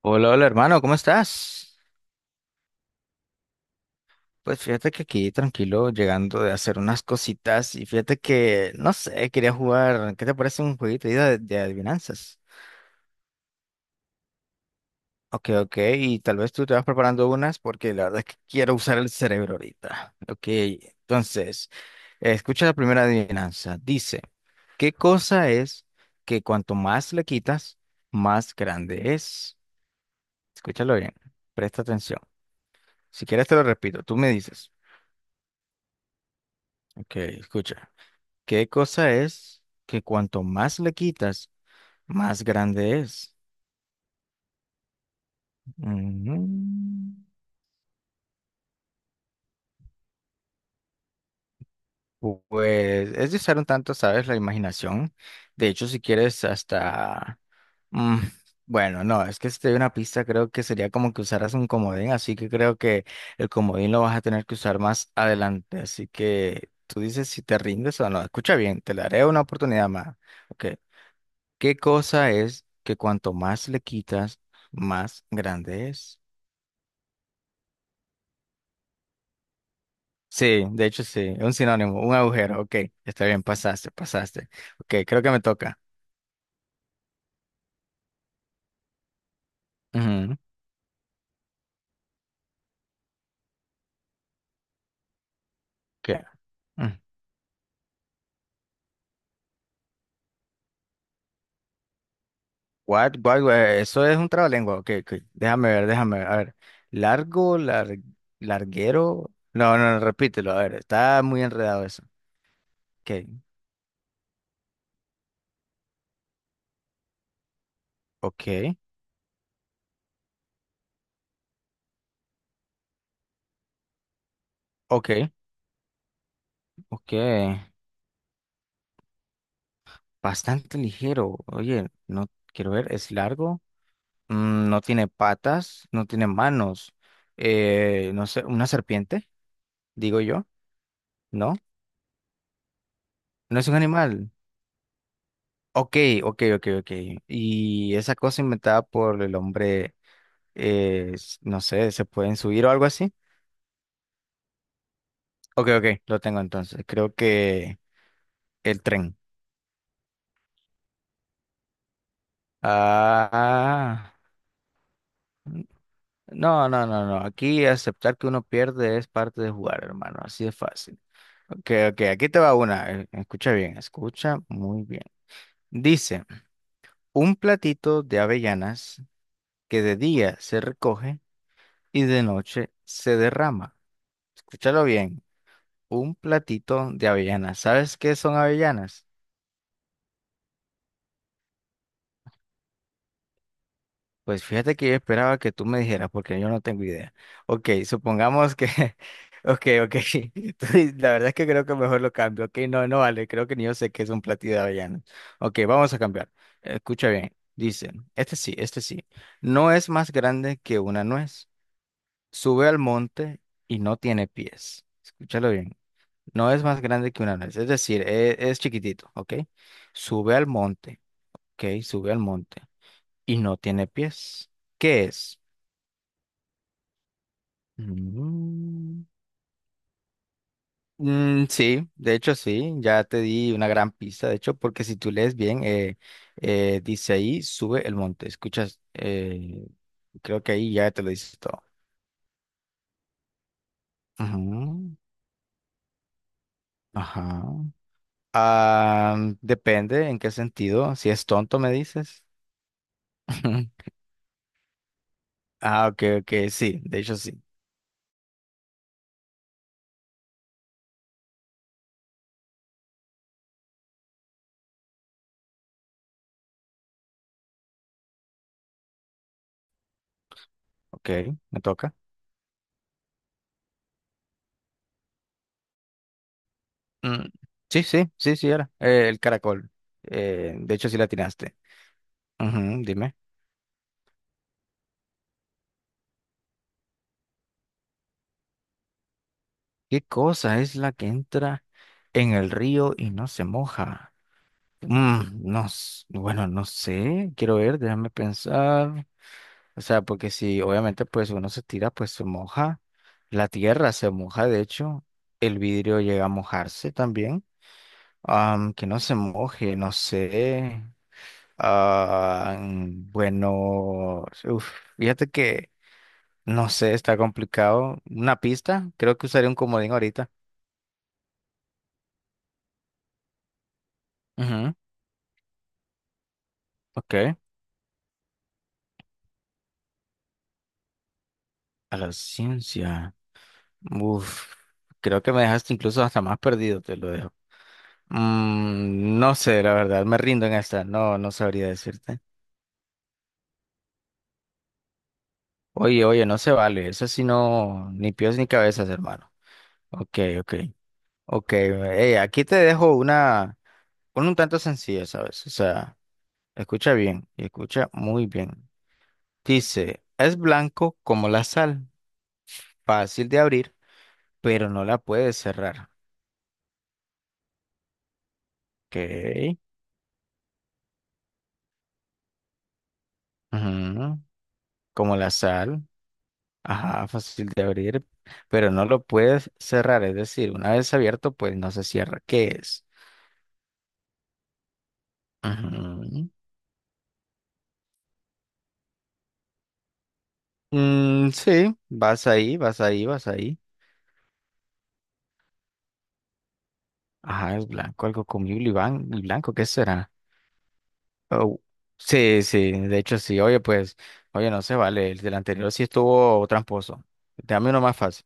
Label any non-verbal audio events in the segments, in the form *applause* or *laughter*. Hola, hola hermano, ¿cómo estás? Pues fíjate que aquí tranquilo, llegando de hacer unas cositas y fíjate que, no sé, quería jugar, ¿qué te parece un jueguito ahí de adivinanzas? Ok, ok, y tal vez tú te vas preparando unas porque la verdad es que quiero usar el cerebro ahorita. Ok, entonces, escucha la primera adivinanza. Dice, ¿qué cosa es que cuanto más le quitas, más grande es? Escúchalo bien, presta atención. Si quieres te lo repito, tú me dices. Ok, escucha. ¿Qué cosa es que cuanto más le quitas, más grande es? Mm, Pues es de usar un tanto, ¿sabes? La imaginación. De hecho, si quieres hasta mm, bueno, no, es que si te doy una pista, creo que sería como que usaras un comodín, así que creo que el comodín lo vas a tener que usar más adelante. Así que tú dices si te rindes o no. Escucha bien, te daré una oportunidad más. Ok. ¿Qué cosa es que cuanto más le quitas, más grande es? Sí, de hecho sí, un sinónimo, un agujero, ok, está bien, pasaste, pasaste. Ok, creo que me toca. Ujú. ¿Qué? Mm. What, what, what? Eso es un trabalengua, ok, ok, déjame ver, a ver. Largo, larguero. No, no, no, repítelo, a ver, está muy enredado eso. Ok, ok, ok, ok. Bastante ligero, oye, no quiero ver, es largo. No tiene patas, no tiene manos. No sé, una serpiente, digo yo. No, no es un animal. Ok, ok, ok, ok. Y esa cosa inventada por el hombre, no sé, ¿se pueden subir o algo así? Ok, ok, lo tengo entonces. Creo que el tren. Ah, n- no, no, no, no. Aquí aceptar que uno pierde es parte de jugar, hermano. Así de fácil. Ok, ok, aquí te va una. Escucha bien, escucha muy bien. Dice, un platito de avellanas que de día se recoge y de noche se derrama. Escúchalo bien, un platito de avellanas. ¿Sabes qué son avellanas? Pues fíjate que yo esperaba que tú me dijeras porque yo no tengo idea. Ok, supongamos que *laughs* ok, ok. *laughs* Entonces, la verdad es que creo que mejor lo cambio. Ok, no, no vale. Creo que ni yo sé qué es un platito de avellanas. Ok, vamos a cambiar. Escucha bien. Dice, este sí, este sí. No es más grande que una nuez, sube al monte y no tiene pies. Escúchalo bien. No es más grande que una nuez, es decir, es chiquitito, ¿ok? Sube al monte, ¿ok? Sube al monte y no tiene pies. ¿Qué es? Mm, sí, de hecho sí, ya te di una gran pista, de hecho, porque si tú lees bien, dice ahí, sube el monte. Escuchas, creo que ahí ya te lo dices todo. Ujú. Ajá. Ah, depende en qué sentido. Si es tonto, me dices. *laughs* Ah, ok, ok, sí, de hecho sí. Ok, me toca. Mm, sí, sí, sí, sí, era. El caracol. De hecho sí la atinaste. Ujú, dime. ¿Qué cosa es la que entra en el río y no se moja? Mm, no, bueno, no sé. Quiero ver, déjame pensar. O sea, porque si obviamente pues uno se tira, pues se moja, la tierra se moja, de hecho, el vidrio llega a mojarse también. Que no se moje, no sé. Ah, bueno, uf, fíjate que no sé, está complicado. Una pista, creo que usaría un comodín ahorita. Ujú. Ok, a la ciencia. Uf, creo que me dejaste incluso hasta más perdido, te lo dejo. Mm, no sé, la verdad, me rindo en esta, no, no sabría decirte. Oye, oye, no se vale, eso sí no, ni pies ni cabezas, hermano. Ok, ok, ok, aquí te dejo una un tanto sencilla, ¿sabes? O sea, escucha bien, y escucha muy bien. Dice, es blanco como la sal, fácil de abrir, pero no la puedes cerrar. Ok, ujú, como la sal. Ajá, fácil de abrir, pero no lo puedes cerrar, es decir, una vez abierto, pues no se cierra. ¿Qué es? Ujú. Mm, sí, vas ahí, vas ahí, vas ahí. Ajá, es blanco, algo comible y blanco, ¿qué será? Oh, sí, sí, de hecho sí, oye, pues, oye, no se vale, el del anterior sí estuvo tramposo. Dame uno más fácil.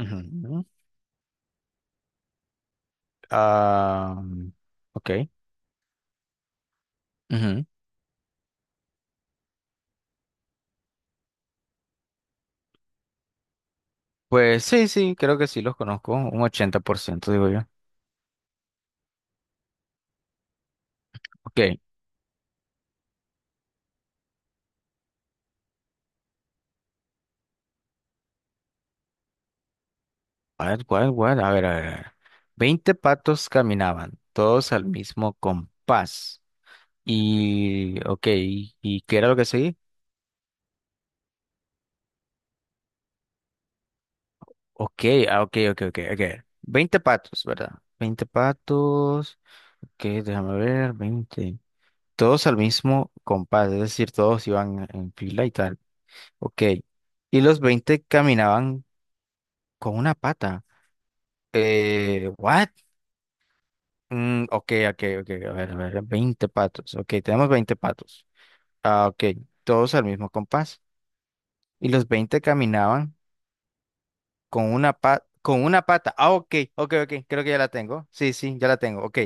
Ujú. Ah, ok. Ujú. Pues sí, sí, creo que sí los conozco, un 80% digo yo. Ok. ¿Cuál? ¿Cuál, cuál? A ver, a ver, a ver. 20 patos caminaban, todos al mismo compás. Y, ok, ¿y qué era lo que seguí? Ok, ah, ok, ok, ok, ok. 20 patos, ¿verdad? 20 patos. Ok, déjame ver, 20. Todos al mismo compás, es decir, todos iban en fila y tal. Ok. Y los 20 caminaban con una pata. ¿What? Mm, ok, ok, ok, a ver, veinte patos. Ok, tenemos 20 patos. Ah, ok, todos al mismo compás. Y los 20 caminaban con una pata, con una pata. Ah, ok, ok, ok, creo que ya la tengo. Sí, sí, ya la tengo. Ok,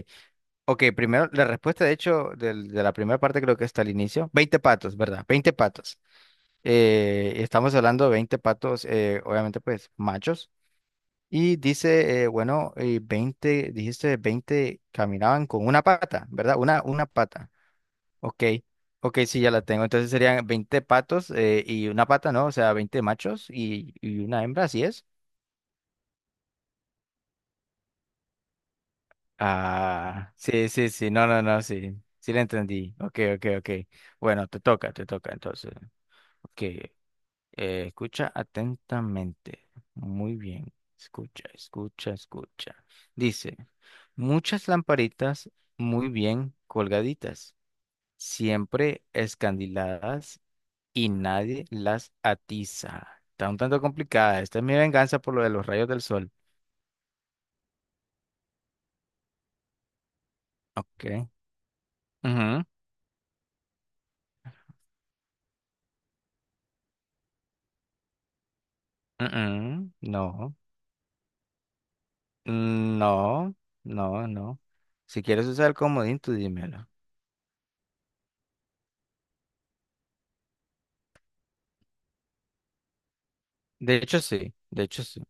ok, primero, la respuesta, de hecho, de la primera parte creo que está al inicio. 20 patos, ¿verdad? 20 patos. Estamos hablando de 20 patos, obviamente, pues, machos. Y dice, bueno, 20, dijiste 20 caminaban con una pata, ¿verdad? Una pata. Ok, ok, sí, ya la tengo. Entonces serían 20 patos, y una pata, ¿no? O sea, 20 machos y una hembra, ¿así es? Ah, sí, sí, sí, no, no, no, sí, sí la entendí. Ok, ok, ok. Bueno, te toca, entonces. Ok, escucha atentamente. Muy bien, escucha, escucha, escucha. Dice, muchas lamparitas muy bien colgaditas, siempre escandiladas y nadie las atiza. Está un tanto complicada. Esta es mi venganza por lo de los rayos del sol. Ok. Ujú, ujú. No. No. No, no. Si quieres usar el comodín, tú dímelo. De hecho, sí. De hecho, sí.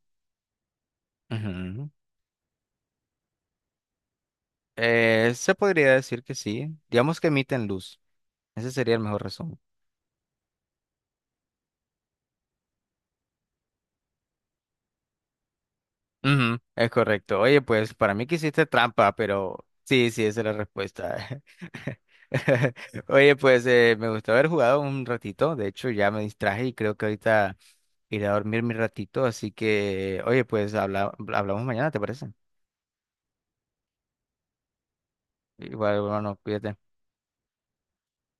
Ujú. Se podría decir que sí. Digamos que emiten luz. Ese sería el mejor resumen. Ujú, es correcto. Oye, pues para mí que hiciste trampa, pero sí, sí, esa es la respuesta. *laughs* Oye, pues me gustó haber jugado un ratito. De hecho, ya me distraje y creo que ahorita iré a dormir mi ratito. Así que, oye, pues hablamos mañana, ¿te parece? Igual, bueno, cuídate.